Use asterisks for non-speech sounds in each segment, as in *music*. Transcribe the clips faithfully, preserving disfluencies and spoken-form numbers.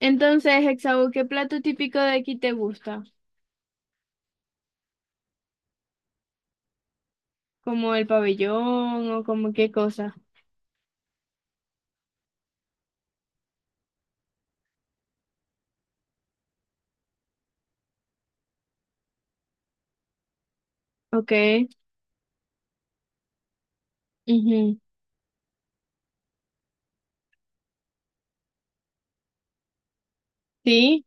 Entonces, Hexau, ¿qué plato típico de aquí te gusta? ¿Como el pabellón o como qué cosa? Ok. Ujú. Sí.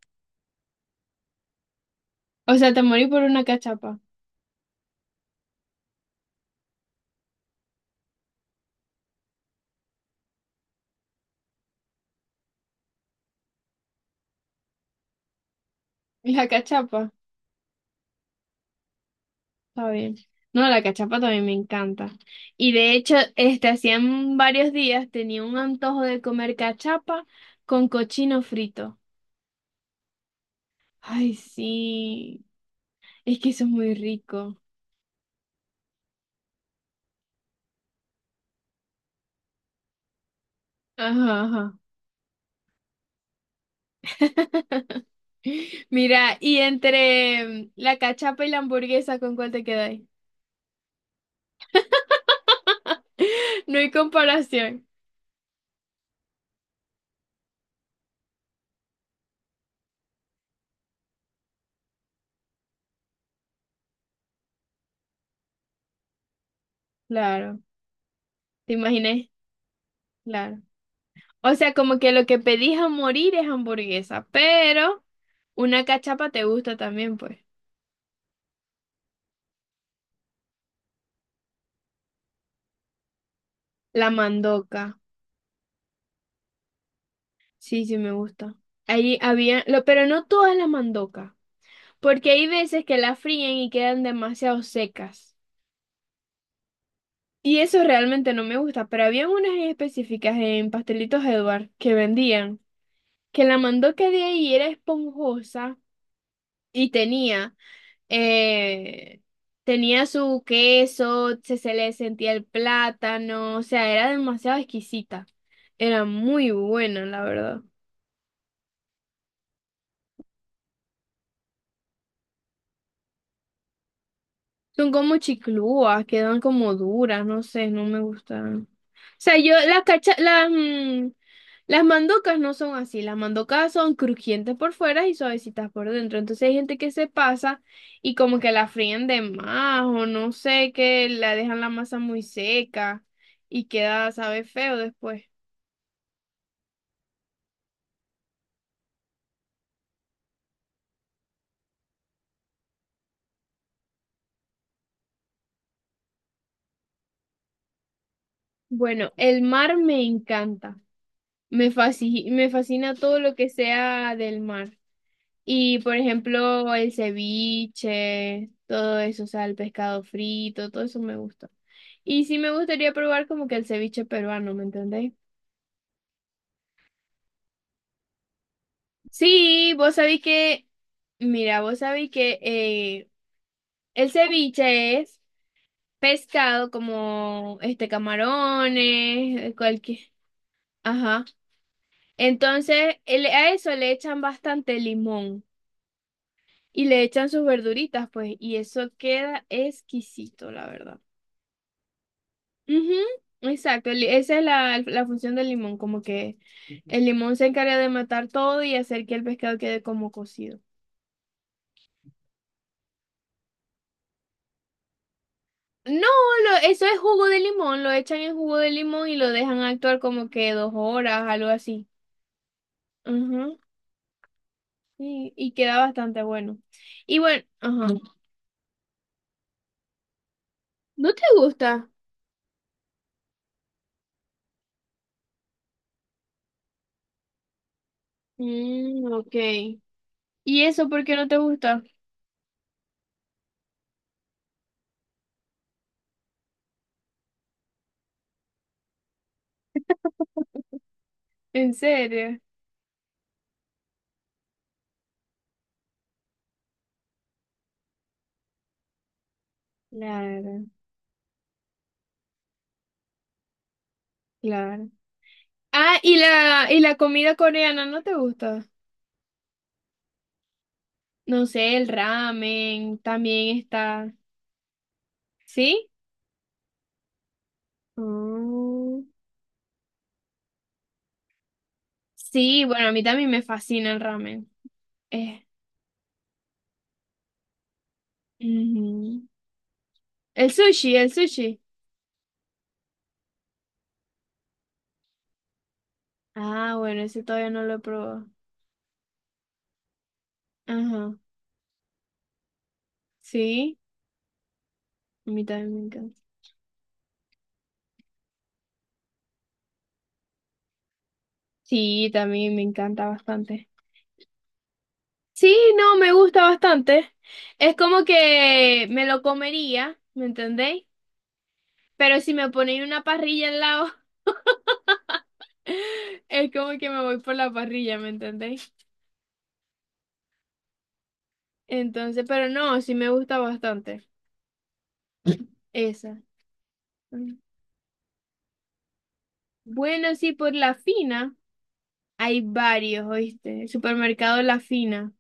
O sea, te morí por una cachapa. *laughs* La cachapa, está bien. No, la cachapa también me encanta. Y de hecho, este, hacían varios días tenía un antojo de comer cachapa con cochino frito. Ay, sí. Es que eso es muy rico. Ajá, ajá. *laughs* Mira, y entre mm, la cachapa y la hamburguesa, ¿con cuál te quedas? *laughs* No hay comparación. Claro, te imaginé, claro. O sea, como que lo que pedís a morir es hamburguesa, pero una cachapa te gusta también, pues. La mandoca. Sí, sí me gusta. Ahí había, lo, pero no todas las mandocas, porque hay veces que la fríen y quedan demasiado secas. Y eso realmente no me gusta, pero había unas en específicas en Pastelitos Edward que vendían, que la mandoca de ahí era esponjosa y tenía, eh, tenía su queso, se, se le sentía el plátano, o sea, era demasiado exquisita. Era muy buena, la verdad. Son como chiclúas, quedan como duras, no sé, no me gustan. O sea, yo las cacha, las, mm, las mandocas no son así, las mandocas son crujientes por fuera y suavecitas por dentro. Entonces hay gente que se pasa y como que la fríen de más o no sé, que la dejan la masa muy seca y queda, sabe, feo después. Bueno, el mar me encanta. Me fasci- me fascina todo lo que sea del mar. Y por ejemplo, el ceviche, todo eso, o sea, el pescado frito, todo eso me gusta. Y sí me gustaría probar como que el ceviche peruano, ¿me entendéis? Sí, vos sabéis que, mira, vos sabéis que eh, el ceviche es pescado como este camarones, eh, cualquier, ajá. Entonces, el- a eso le echan bastante limón y le echan sus verduritas, pues, y eso queda exquisito, la verdad. Ujú. Exacto, el- esa es la, la función del limón, como que el limón se encarga de matar todo y hacer que el pescado quede como cocido. No, lo- eso es jugo de limón, lo echan en jugo de limón y lo dejan actuar como que dos horas, algo así. Ujú, sí. Y queda bastante bueno. Y bueno, ajá. ¿No te gusta? Mm, ok. ¿Y eso por qué no te gusta? ¿En serio? Claro, claro. Ah, y la, y la comida coreana, ¿no te gusta? No sé, el ramen también está. ¿Sí? Mm. Sí, bueno, a mí también me fascina el ramen. Eh, ujú. El sushi, el sushi. Ah, bueno, ese todavía no lo he probado. Ajá. Sí, a mí también me encanta. Sí, también me encanta bastante. Sí, no, me gusta bastante. Es como que me lo comería, ¿me entendéis? Pero si me ponéis una parrilla al lado, *laughs* es como que me voy por la parrilla, ¿me entendéis? Entonces, pero no, sí me gusta bastante esa. Mm. Bueno, sí, por La Fina hay varios, ¿oíste? El supermercado La Fina.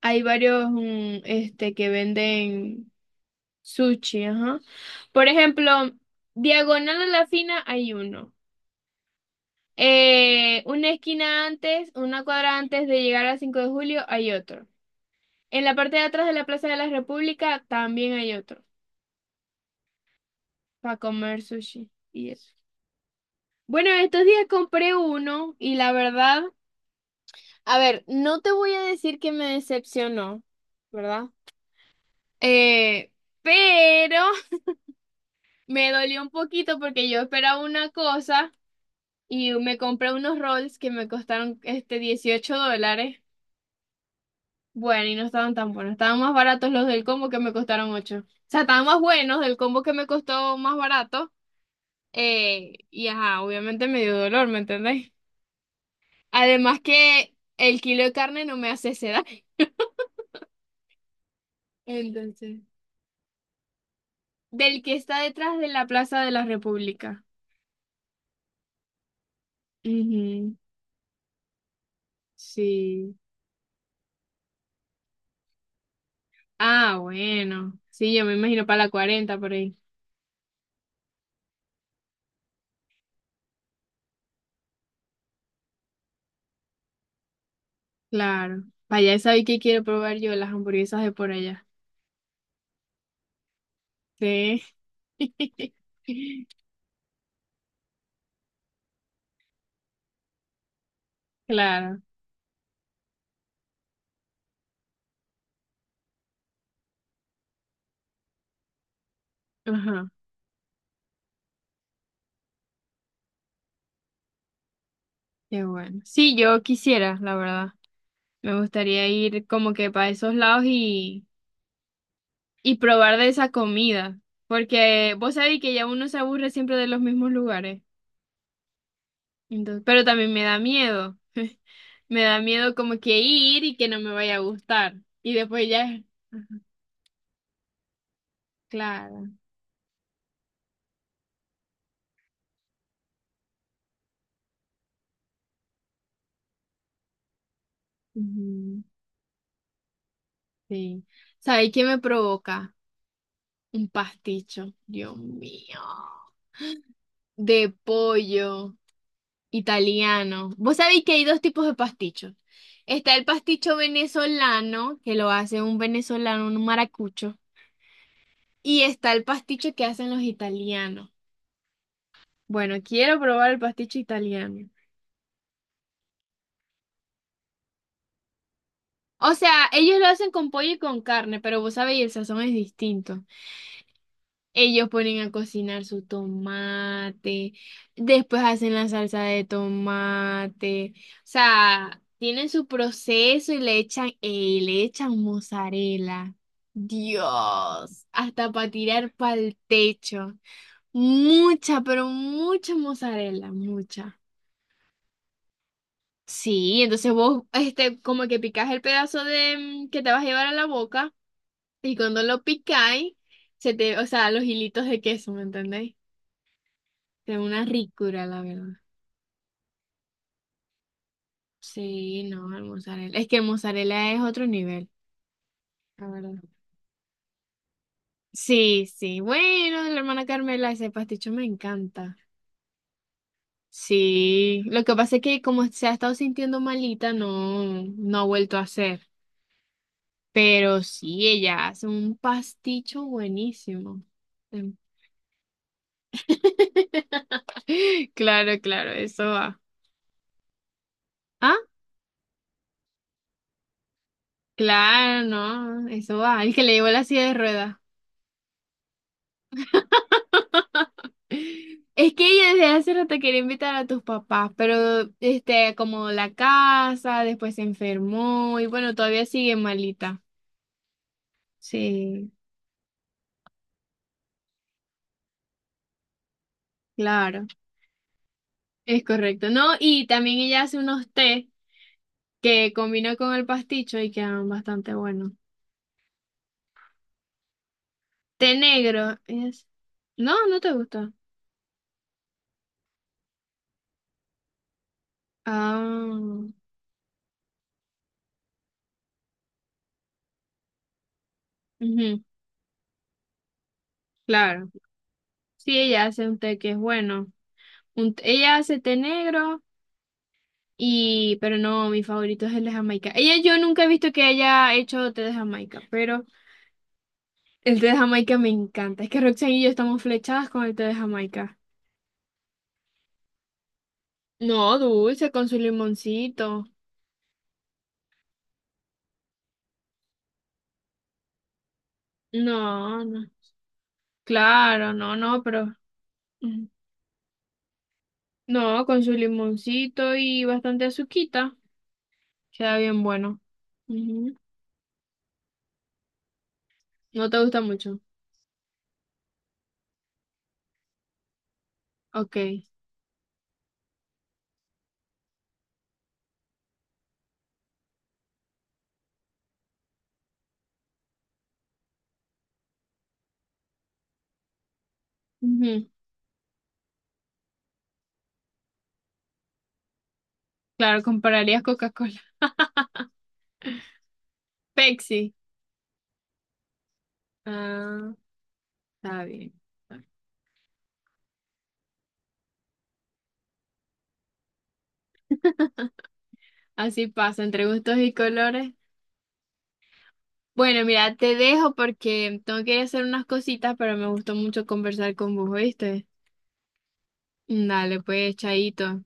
Hay varios mm, este, que venden sushi, ajá. Por ejemplo, diagonal a La Fina hay uno. Eh, una esquina antes, una cuadra antes de llegar a Cinco de julio hay otro. En la parte de atrás de la Plaza de la República también hay otro para comer sushi. Y eso. Bueno, estos días compré uno y la verdad, a ver, no te voy a decir que me decepcionó, ¿verdad? Eh, pero *laughs* me dolió un poquito porque yo esperaba una cosa y me compré unos rolls que me costaron este dieciocho dólares. Bueno, y no estaban tan buenos, estaban más baratos los del combo que me costaron ocho. O sea, estaban más buenos del combo que me costó más barato. Eh, y ajá, obviamente me dio dolor, ¿me entendéis? Además que el kilo de carne no me hace sed. Entonces, del que está detrás de la Plaza de la República. Ujú, sí. Ah, bueno. Sí, yo me imagino para la cuarenta por ahí. Claro. Para allá sabéis que quiero probar yo las hamburguesas de por allá. Sí. *laughs* Claro. Ajá. Qué bueno. Sí, yo quisiera, la verdad. Me gustaría ir como que para esos lados y, y probar de esa comida. Porque vos sabéis que ya uno se aburre siempre de los mismos lugares. Entonces, pero también me da miedo. *laughs* Me da miedo como que ir y que no me vaya a gustar. Y después ya. Ajá. Claro. Ujú. Sí. ¿Sabéis qué me provoca? Un pasticho. Dios mío. De pollo italiano. Vos sabéis que hay dos tipos de pastichos. Está el pasticho venezolano, que lo hace un venezolano, un maracucho. Y está el pasticho que hacen los italianos. Bueno, quiero probar el pasticho italiano. O sea, ellos lo hacen con pollo y con carne, pero vos sabéis, el sazón es distinto. Ellos ponen a cocinar su tomate, después hacen la salsa de tomate. O sea, tienen su proceso y le echan, ey, le echan mozzarella. Dios, hasta para tirar para el techo. Mucha, pero mucha mozzarella, mucha. Sí, entonces vos, este, como que picás el pedazo de mm, que te vas a llevar a la boca. Y cuando lo picáis, se te, o sea, los hilitos de queso, ¿me entendéis? Es una ricura, la verdad. Sí, no, el mozzarella. Es que el mozzarella es otro nivel, la verdad. Sí, sí. Bueno, de la hermana Carmela, ese pasticho me encanta. Sí, lo que pasa es que como se ha estado sintiendo malita, no, no ha vuelto a hacer. Pero sí, ella hace un pasticho buenísimo. Em. *laughs* Claro, claro, eso va. ¿Ah? Claro, no, eso va. El que le llevó la silla de ruedas. Es que ella desde hace rato quería invitar a tus papás, pero este, como la casa, después se enfermó y bueno, todavía sigue malita. Sí, claro, es correcto. No, y también ella hace unos té que combinó con el pasticho y quedan bastante buenos. Té negro, es... No, no te gusta. Ah, ujú, claro. Sí, ella hace un té que es bueno. Un- ella hace té negro y, pero no, mi favorito es el de Jamaica. Ella, yo nunca he visto que haya hecho té de Jamaica, pero el té de Jamaica me encanta. Es que Roxanne y yo estamos flechadas con el té de Jamaica. No, dulce, con su limoncito. No, no. Claro, no, no, pero mm, no, con su limoncito y bastante azuquita. Queda bien bueno. Ujú. ¿No te gusta mucho? Ok. Ujú. Claro, compararías Coca-Cola. *laughs* Pepsi. Ah, está bien. Así pasa, entre gustos y colores. Bueno, mira, te dejo porque tengo que ir a hacer unas cositas, pero me gustó mucho conversar con vos, ¿oíste? Dale, pues, chaito.